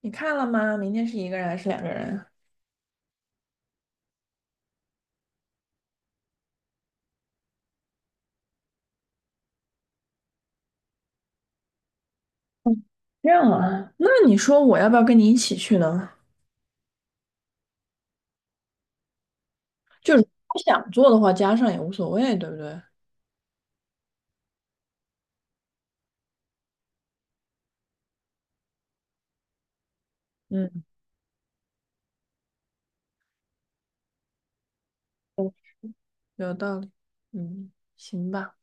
你看了吗？明天是一个人还是两个人啊？这样啊，那你说我要不要跟你一起去呢？就是不想做的话，加上也无所谓，对不对？嗯，嗯，有道理。嗯，行吧，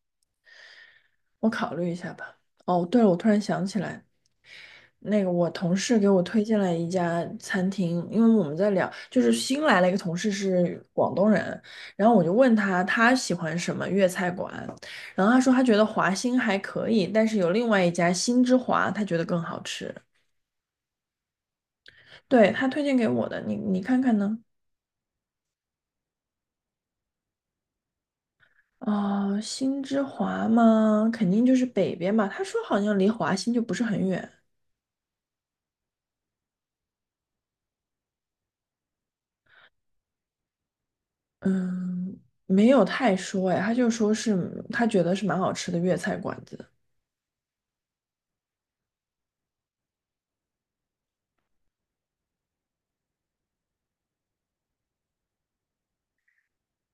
我考虑一下吧。哦，对了，我突然想起来，那个我同事给我推荐了一家餐厅，因为我们在聊，就是新来了一个同事是广东人，然后我就问他喜欢什么粤菜馆，然后他说他觉得华兴还可以，但是有另外一家新之华，他觉得更好吃。对，他推荐给我的，你看看呢？啊、新之华吗？肯定就是北边吧。他说好像离华新就不是很远。嗯，没有太说哎，他就说是他觉得是蛮好吃的粤菜馆子。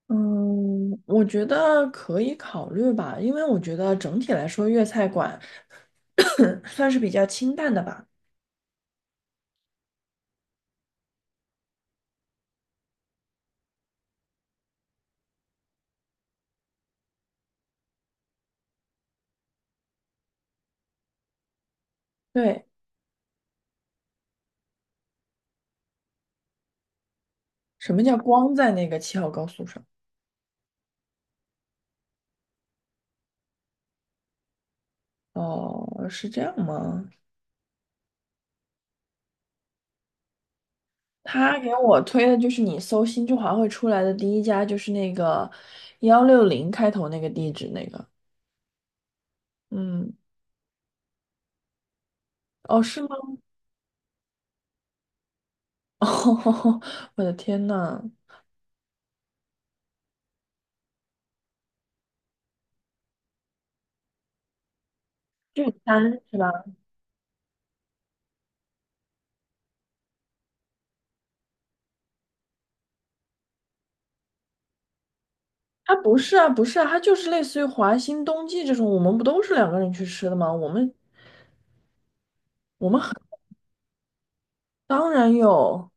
嗯，我觉得可以考虑吧，因为我觉得整体来说粤菜馆 算是比较清淡的吧。对。什么叫光在那个七号高速上？哦，是这样吗？他给我推的就是你搜新中华会出来的第一家，就是那个幺六零开头那个地址那个。嗯。哦，是吗？哦，我的天呐。聚餐是吧？它不是啊，不是啊，它就是类似于华兴冬季这种，我们不都是两个人去吃的吗？我们当然有，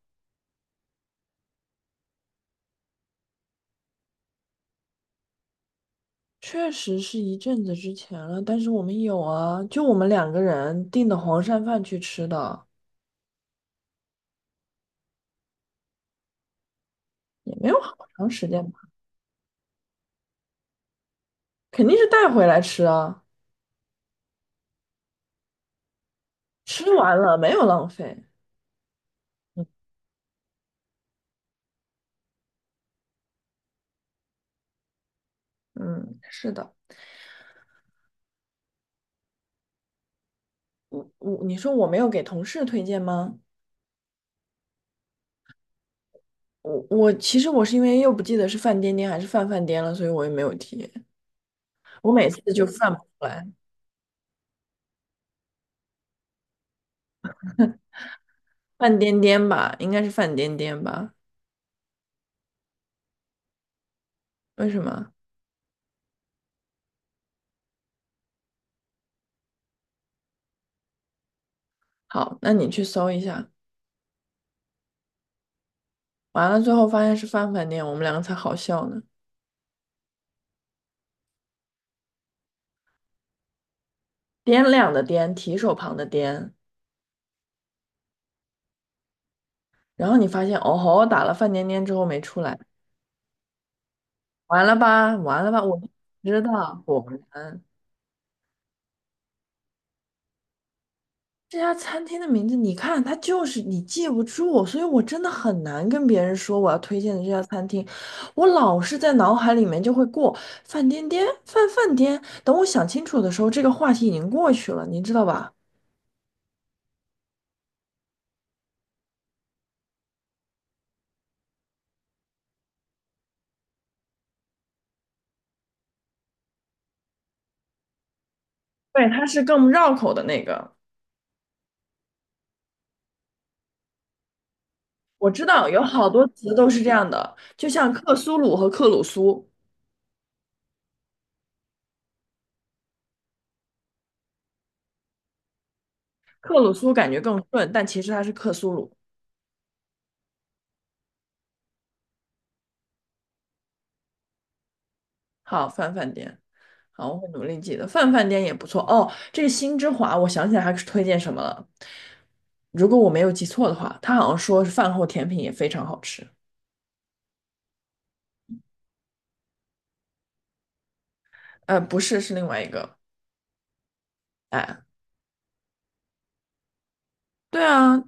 确实是一阵子之前了，但是我们有啊，就我们两个人订的黄鳝饭去吃的。也没有好长时间吧。肯定是带回来吃啊。吃完了，没有浪费。嗯。嗯，是的。我你说我没有给同事推荐吗？我其实我是因为又不记得是范颠颠还是范范颠了，所以我也没有提。我每次就犯不出来。范颠颠吧，应该是范颠颠吧？为什么？好，那你去搜一下。完了，最后发现是范范颠，我们两个才好笑呢。掂量的掂，提手旁的掂，然后你发现哦吼，打了范颠颠之后没出来。完了吧，完了吧，我知道，果然。这家餐厅的名字，你看，它就是你记不住，所以我真的很难跟别人说我要推荐的这家餐厅。我老是在脑海里面就会过饭颠颠”“饭饭颠”，等我想清楚的时候，这个话题已经过去了，你知道吧？对，它是更绕口的那个。我知道有好多词都是这样的，就像克苏鲁和克鲁苏。克鲁苏感觉更顺，但其实它是克苏鲁。好，饭饭店。好，我会努力记得。饭饭店也不错哦。这个新之华，我想起来还是推荐什么了。如果我没有记错的话，他好像说是饭后甜品也非常好吃。呃，不是，是另外一个。哎。对啊，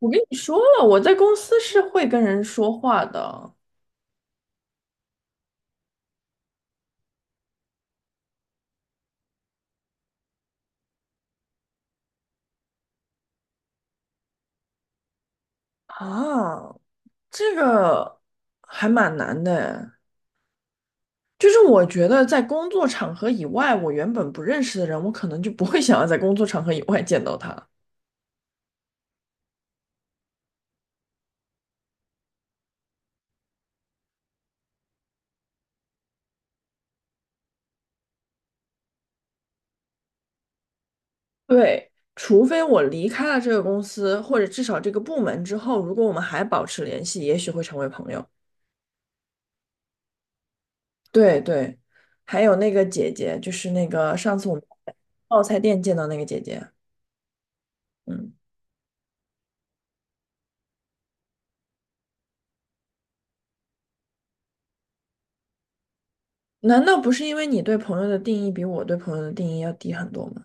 我跟你说了，我在公司是会跟人说话的啊。这个还蛮难的哎。就是我觉得在工作场合以外，我原本不认识的人，我可能就不会想要在工作场合以外见到他。对，除非我离开了这个公司，或者至少这个部门之后，如果我们还保持联系，也许会成为朋友。对对，还有那个姐姐，就是那个上次我们在泡菜店见到那个姐姐。嗯，难道不是因为你对朋友的定义比我对朋友的定义要低很多吗？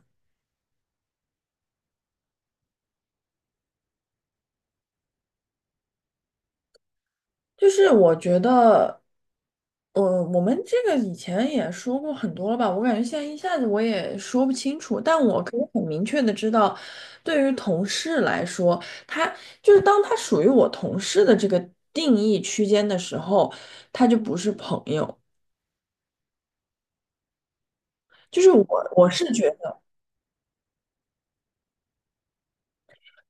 就是我觉得我们这个以前也说过很多了吧，我感觉现在一下子我也说不清楚，但我可以很明确的知道，对于同事来说，他就是当他属于我同事的这个定义区间的时候，他就不是朋友。就是我是觉得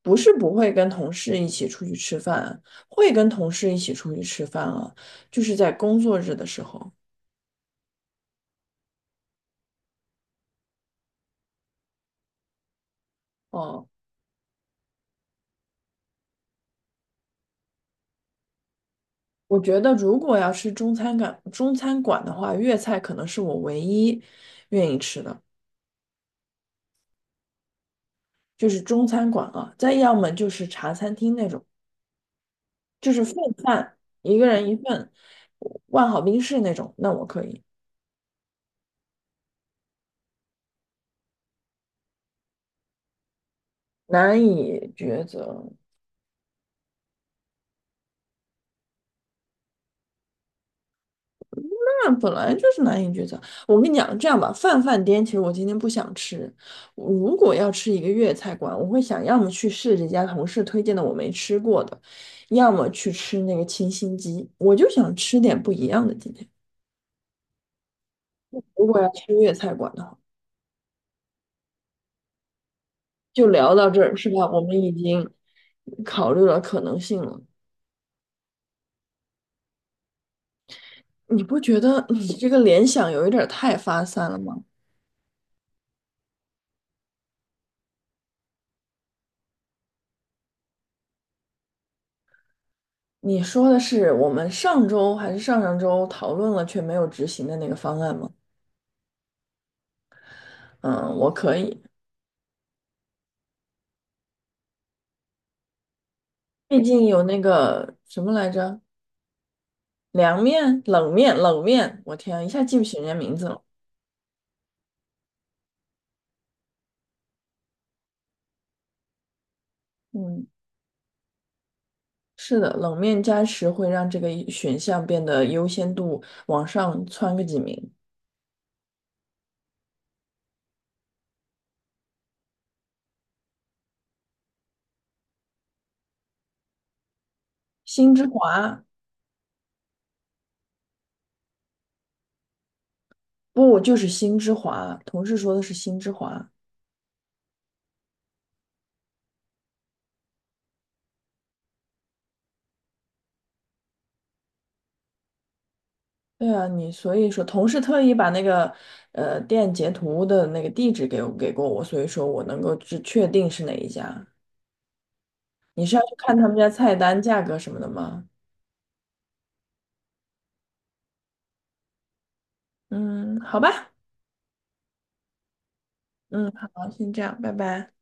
不是不会跟同事一起出去吃饭，会跟同事一起出去吃饭啊，就是在工作日的时候。哦。我觉得如果要吃中餐馆的话，粤菜可能是我唯一愿意吃的，就是中餐馆啊。再要么就是茶餐厅那种，就是份饭，一个人一份，万好冰室那种，那我可以。难以抉择。饭本来就是难以抉择。我跟你讲，这样吧，饭饭店其实我今天不想吃。我如果要吃一个粤菜馆，我会想要么去试这家同事推荐的我没吃过的，要么去吃那个清新鸡。我就想吃点不一样的。今天如果要吃粤菜馆的话，就聊到这儿，是吧？我们已经考虑了可能性了。你不觉得你这个联想有一点儿太发散了吗？你说的是我们上周还是上上周讨论了却没有执行的那个方案吗？嗯，我可以。毕竟有那个什么来着，凉面、冷面、冷面，我天啊，一下记不起人家名字了。嗯，是的，冷面加持会让这个选项变得优先度往上窜个几名。星之华。不，就是星之华，同事说的是星之华。对啊，你所以说同事特意把那个店截图的那个地址给我给过我，所以说我能够去确定是哪一家。你是要去看他们家菜单、价格什么的吗？嗯，好吧。嗯，好，先这样，拜拜。